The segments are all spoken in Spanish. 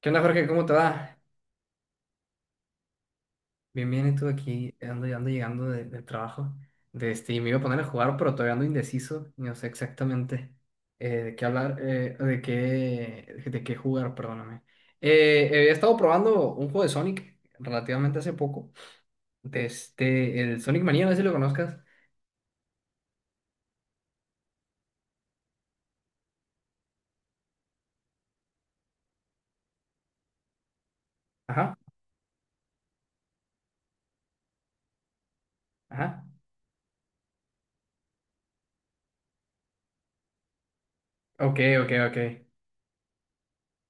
¿Qué onda, Jorge? ¿Cómo te va? Bien, bien, y tú aquí ando llegando del trabajo. Y me iba a poner a jugar, pero todavía ando indeciso. No sé exactamente de qué hablar, de qué jugar, perdóname. He estado probando un juego de Sonic relativamente hace poco. El Sonic Mania, no sé si lo conozcas. Ajá, ajá. Ok, ok, ok.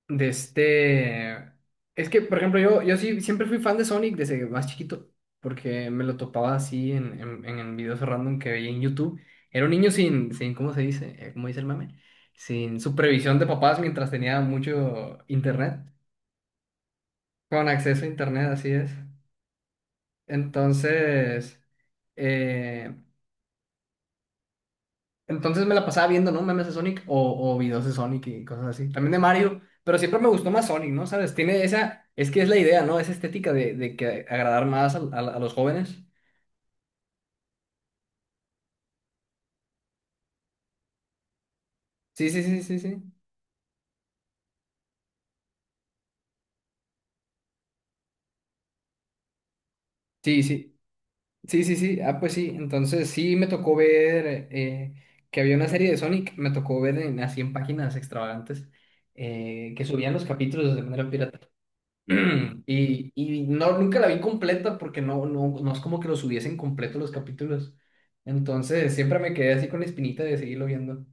de este... Es que, por ejemplo, yo sí siempre fui fan de Sonic desde más chiquito, porque me lo topaba así en videos random que veía en YouTube. Era un niño sin, ¿cómo se dice? ¿Cómo dice el mame? Sin supervisión de papás mientras tenía mucho internet. Con acceso a internet, así es. Entonces, eh, Entonces me la pasaba viendo, ¿no? Memes de Sonic o videos de Sonic y cosas así. También de Mario, pero siempre me gustó más Sonic, ¿no? ¿Sabes? Tiene esa, es que es la idea, ¿no? Esa estética de que agradar más a los jóvenes. Sí, sí, sí, sí, sí. Sí, sí, sí, sí, sí. Ah, pues sí. Entonces sí me tocó ver que había una serie de Sonic, me tocó ver en, así en páginas extravagantes que subían los capítulos de manera pirata. Y no, nunca la vi completa porque no, no, no es como que lo subiesen completo los capítulos. Entonces siempre me quedé así con la espinita de seguirlo viendo.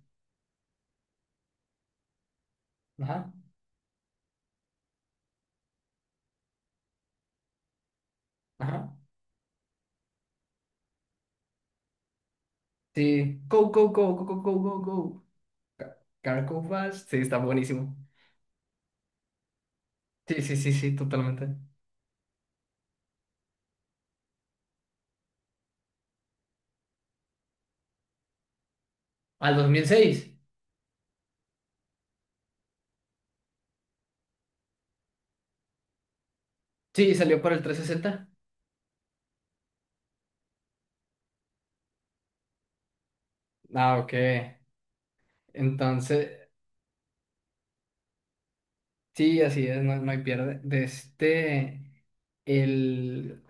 Ajá, ajá. Sí. Go, go, go, go, go, go, go, go. Car Go Fast. Sí, está buenísimo. Sí, sí, sí, sí, totalmente. ¿Al 2006? Sí, salió para el 360. Ah, ok. Entonces, sí, así es, no, no hay pierde. El...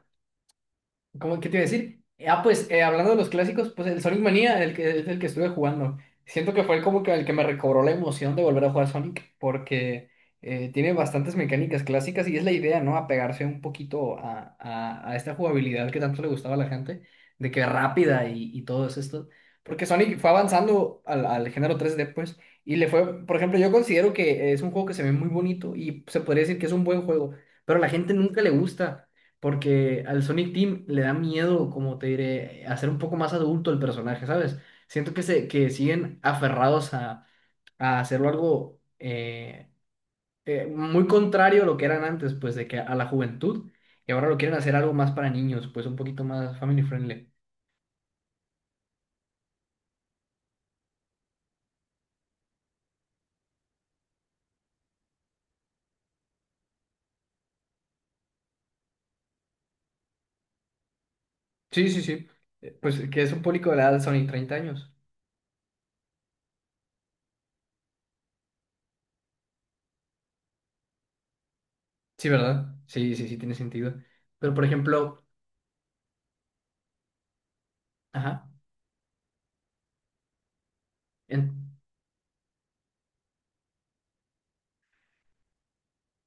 ¿Cómo, qué te iba a decir? Ah, pues hablando de los clásicos, pues el Sonic Mania, el que es el que estuve jugando. Siento que fue como que el que me recobró la emoción de volver a jugar Sonic, porque tiene bastantes mecánicas clásicas y es la idea, ¿no? Apegarse un poquito a esta jugabilidad que tanto le gustaba a la gente, de que rápida y todo es esto. Porque Sonic fue avanzando al género 3D, pues, y le fue, por ejemplo, yo considero que es un juego que se ve muy bonito y se podría decir que es un buen juego, pero a la gente nunca le gusta porque al Sonic Team le da miedo, como te diré, hacer un poco más adulto el personaje, ¿sabes? Siento que, que siguen aferrados a hacerlo algo muy contrario a lo que eran antes, pues de que a la juventud, y ahora lo quieren hacer algo más para niños, pues un poquito más family friendly. Sí, sí, sí. Pues que es un público de la edad de Sonic 30 años. Sí, ¿verdad? Sí, sí, sí, tiene sentido. Pero por ejemplo, ajá. en-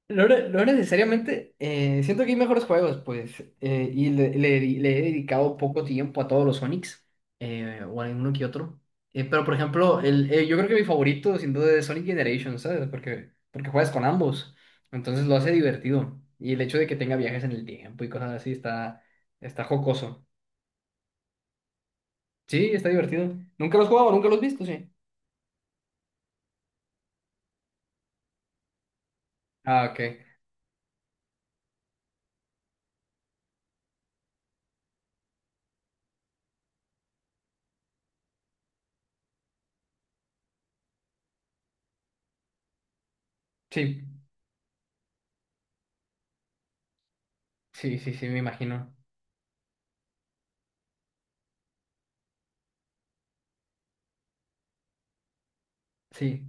No, no necesariamente, siento que hay mejores juegos, pues, y le he dedicado poco tiempo a todos los Sonics, o a uno que otro. Pero, por ejemplo, yo creo que mi favorito, sin duda, es Sonic Generations, ¿sabes? Porque juegas con ambos, entonces lo hace divertido. Y el hecho de que tenga viajes en el tiempo y cosas así está jocoso. Sí, está divertido. Nunca los he jugado, nunca los he visto, sí. Ah, ok. Sí, sí, sí, sí, me imagino. Sí,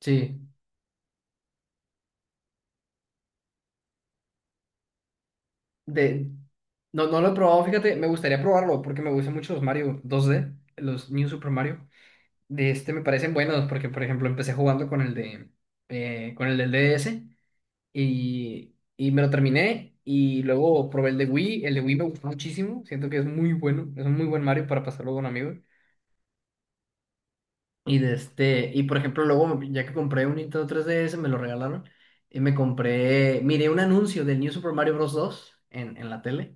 sí. De, No, no lo he probado, fíjate, me gustaría probarlo porque me gustan mucho los Mario 2D, los New Super Mario. De este me parecen buenos porque, por ejemplo, empecé jugando con el del DS y me lo terminé y luego probé el de Wii. El de Wii me gustó muchísimo, siento que es muy bueno, es un muy buen Mario para pasarlo con amigos. Y por ejemplo, luego ya que compré un Nintendo 3DS, me lo regalaron y me compré, miré un anuncio del New Super Mario Bros. 2 en la tele.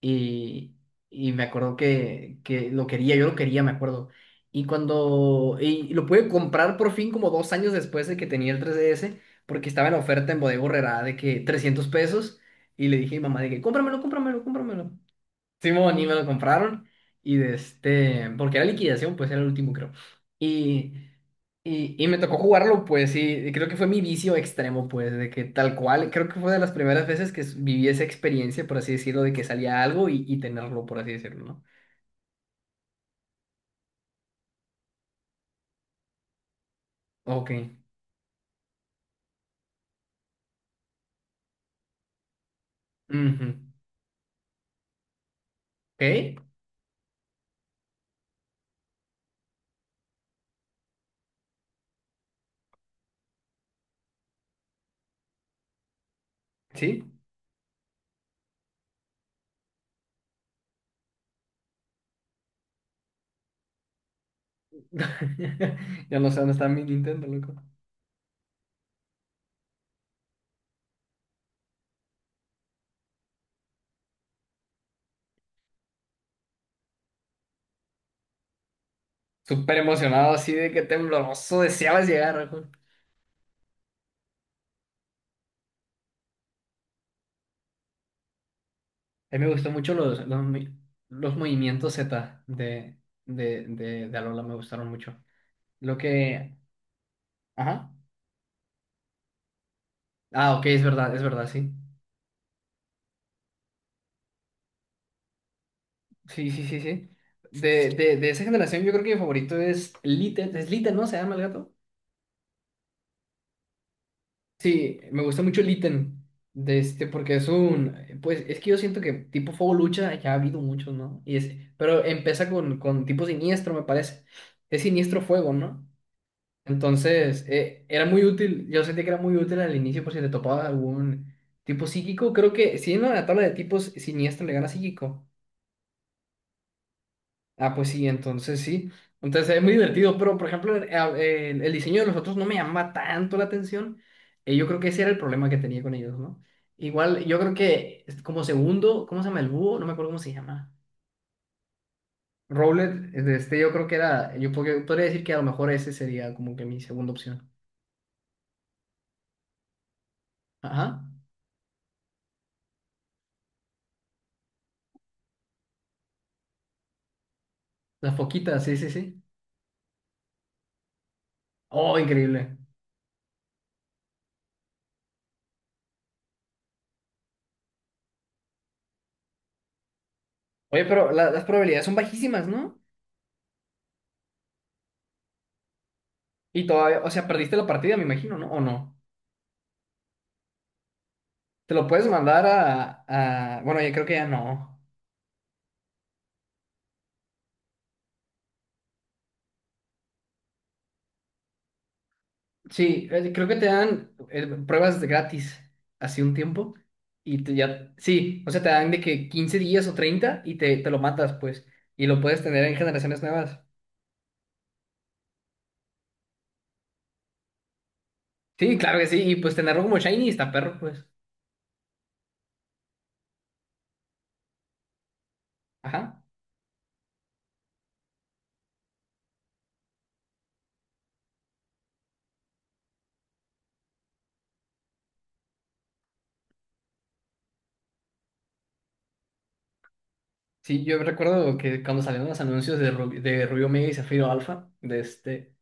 Y, y me acuerdo que lo quería, yo lo quería, me acuerdo. Y lo pude comprar por fin como 2 años después de que tenía el 3DS, porque estaba en oferta en Bodega Aurrerá de que 300 pesos. Y le dije a mi mamá de que, cómpramelo, cómpramelo, cómpramelo. Simón, y me lo compraron. Y porque era liquidación, pues era el último, creo. Y, y me tocó jugarlo, pues, y creo que fue mi vicio extremo, pues, de que tal cual, creo que fue de las primeras veces que viví esa experiencia, por así decirlo, de que salía algo y tenerlo, por así decirlo, ¿no? Ok. Ujú. ¿Ok? ¿Sí? Ya no sé dónde está mi Nintendo, loco. Súper emocionado, así de que tembloroso, deseabas llegar. A mí me gustó mucho los movimientos Z de Alola, me gustaron mucho. Lo que... Ajá. Ah, ok, es verdad, sí. Sí, sí, sí, sí. De esa generación yo creo que mi favorito es Litten. Es Litten, ¿no? ¿Se llama el gato? Sí, me gusta mucho Litten. Porque es un... Pues es que yo siento que tipo Fuego Lucha ya ha habido muchos, ¿no? Pero empieza con tipo siniestro, me parece. Es siniestro fuego, ¿no? Entonces, era muy útil, yo sentí que era muy útil al inicio por si te topaba algún tipo psíquico. Creo que si no, en la tabla de tipos siniestro le gana psíquico. Ah, pues sí. Entonces es muy divertido, pero por ejemplo, el diseño de los otros no me llama tanto la atención. Yo creo que ese era el problema que tenía con ellos, ¿no? Igual, yo creo que es como segundo, ¿cómo se llama el búho? No me acuerdo cómo se llama. Rowlet, de este yo podría decir que a lo mejor ese sería como que mi segunda opción. Ajá. La foquita, sí, sí, sí. Oh, increíble. Oye, pero las probabilidades son bajísimas, ¿no? Y todavía, o sea, perdiste la partida, me imagino, ¿no? ¿O no? Te lo puedes mandar a, bueno, yo creo que ya no. Sí, creo que te dan pruebas de gratis hace un tiempo y te ya... Sí, o sea, te dan de que 15 días o 30 y te lo matas, pues. Y lo puedes tener en generaciones nuevas. Sí, claro que sí. Y pues tenerlo como shiny está perro, pues. Ajá. Sí, yo recuerdo que cuando salieron los anuncios de Rubio Omega y Zafiro Alpha.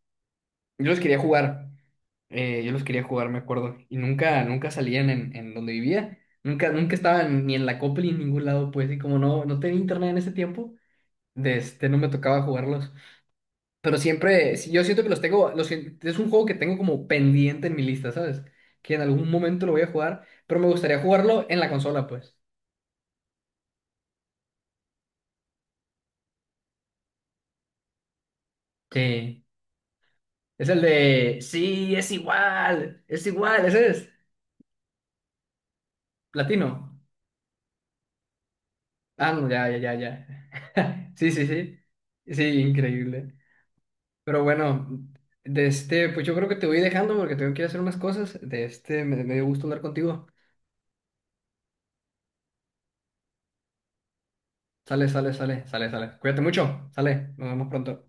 Yo los quería jugar, yo los quería jugar, me acuerdo, y nunca, nunca salían en donde vivía, nunca, nunca estaban ni en la copla ni en ningún lado, pues, y como no, no tenía internet en ese tiempo, no me tocaba jugarlos, pero siempre, sí, yo siento que los tengo, es un juego que tengo como pendiente en mi lista, ¿sabes? Que en algún momento lo voy a jugar, pero me gustaría jugarlo en la consola, pues. Sí, es el de, sí, es igual, ese es, platino. Ah, no, ya, ya, ya, ya. Sí, sí, sí. Sí, increíble. Pero bueno, pues yo creo que te voy dejando porque tengo que ir a hacer unas cosas. Me dio gusto hablar contigo. Sale, sale, sale, sale, sale. Cuídate mucho. Sale, nos vemos pronto.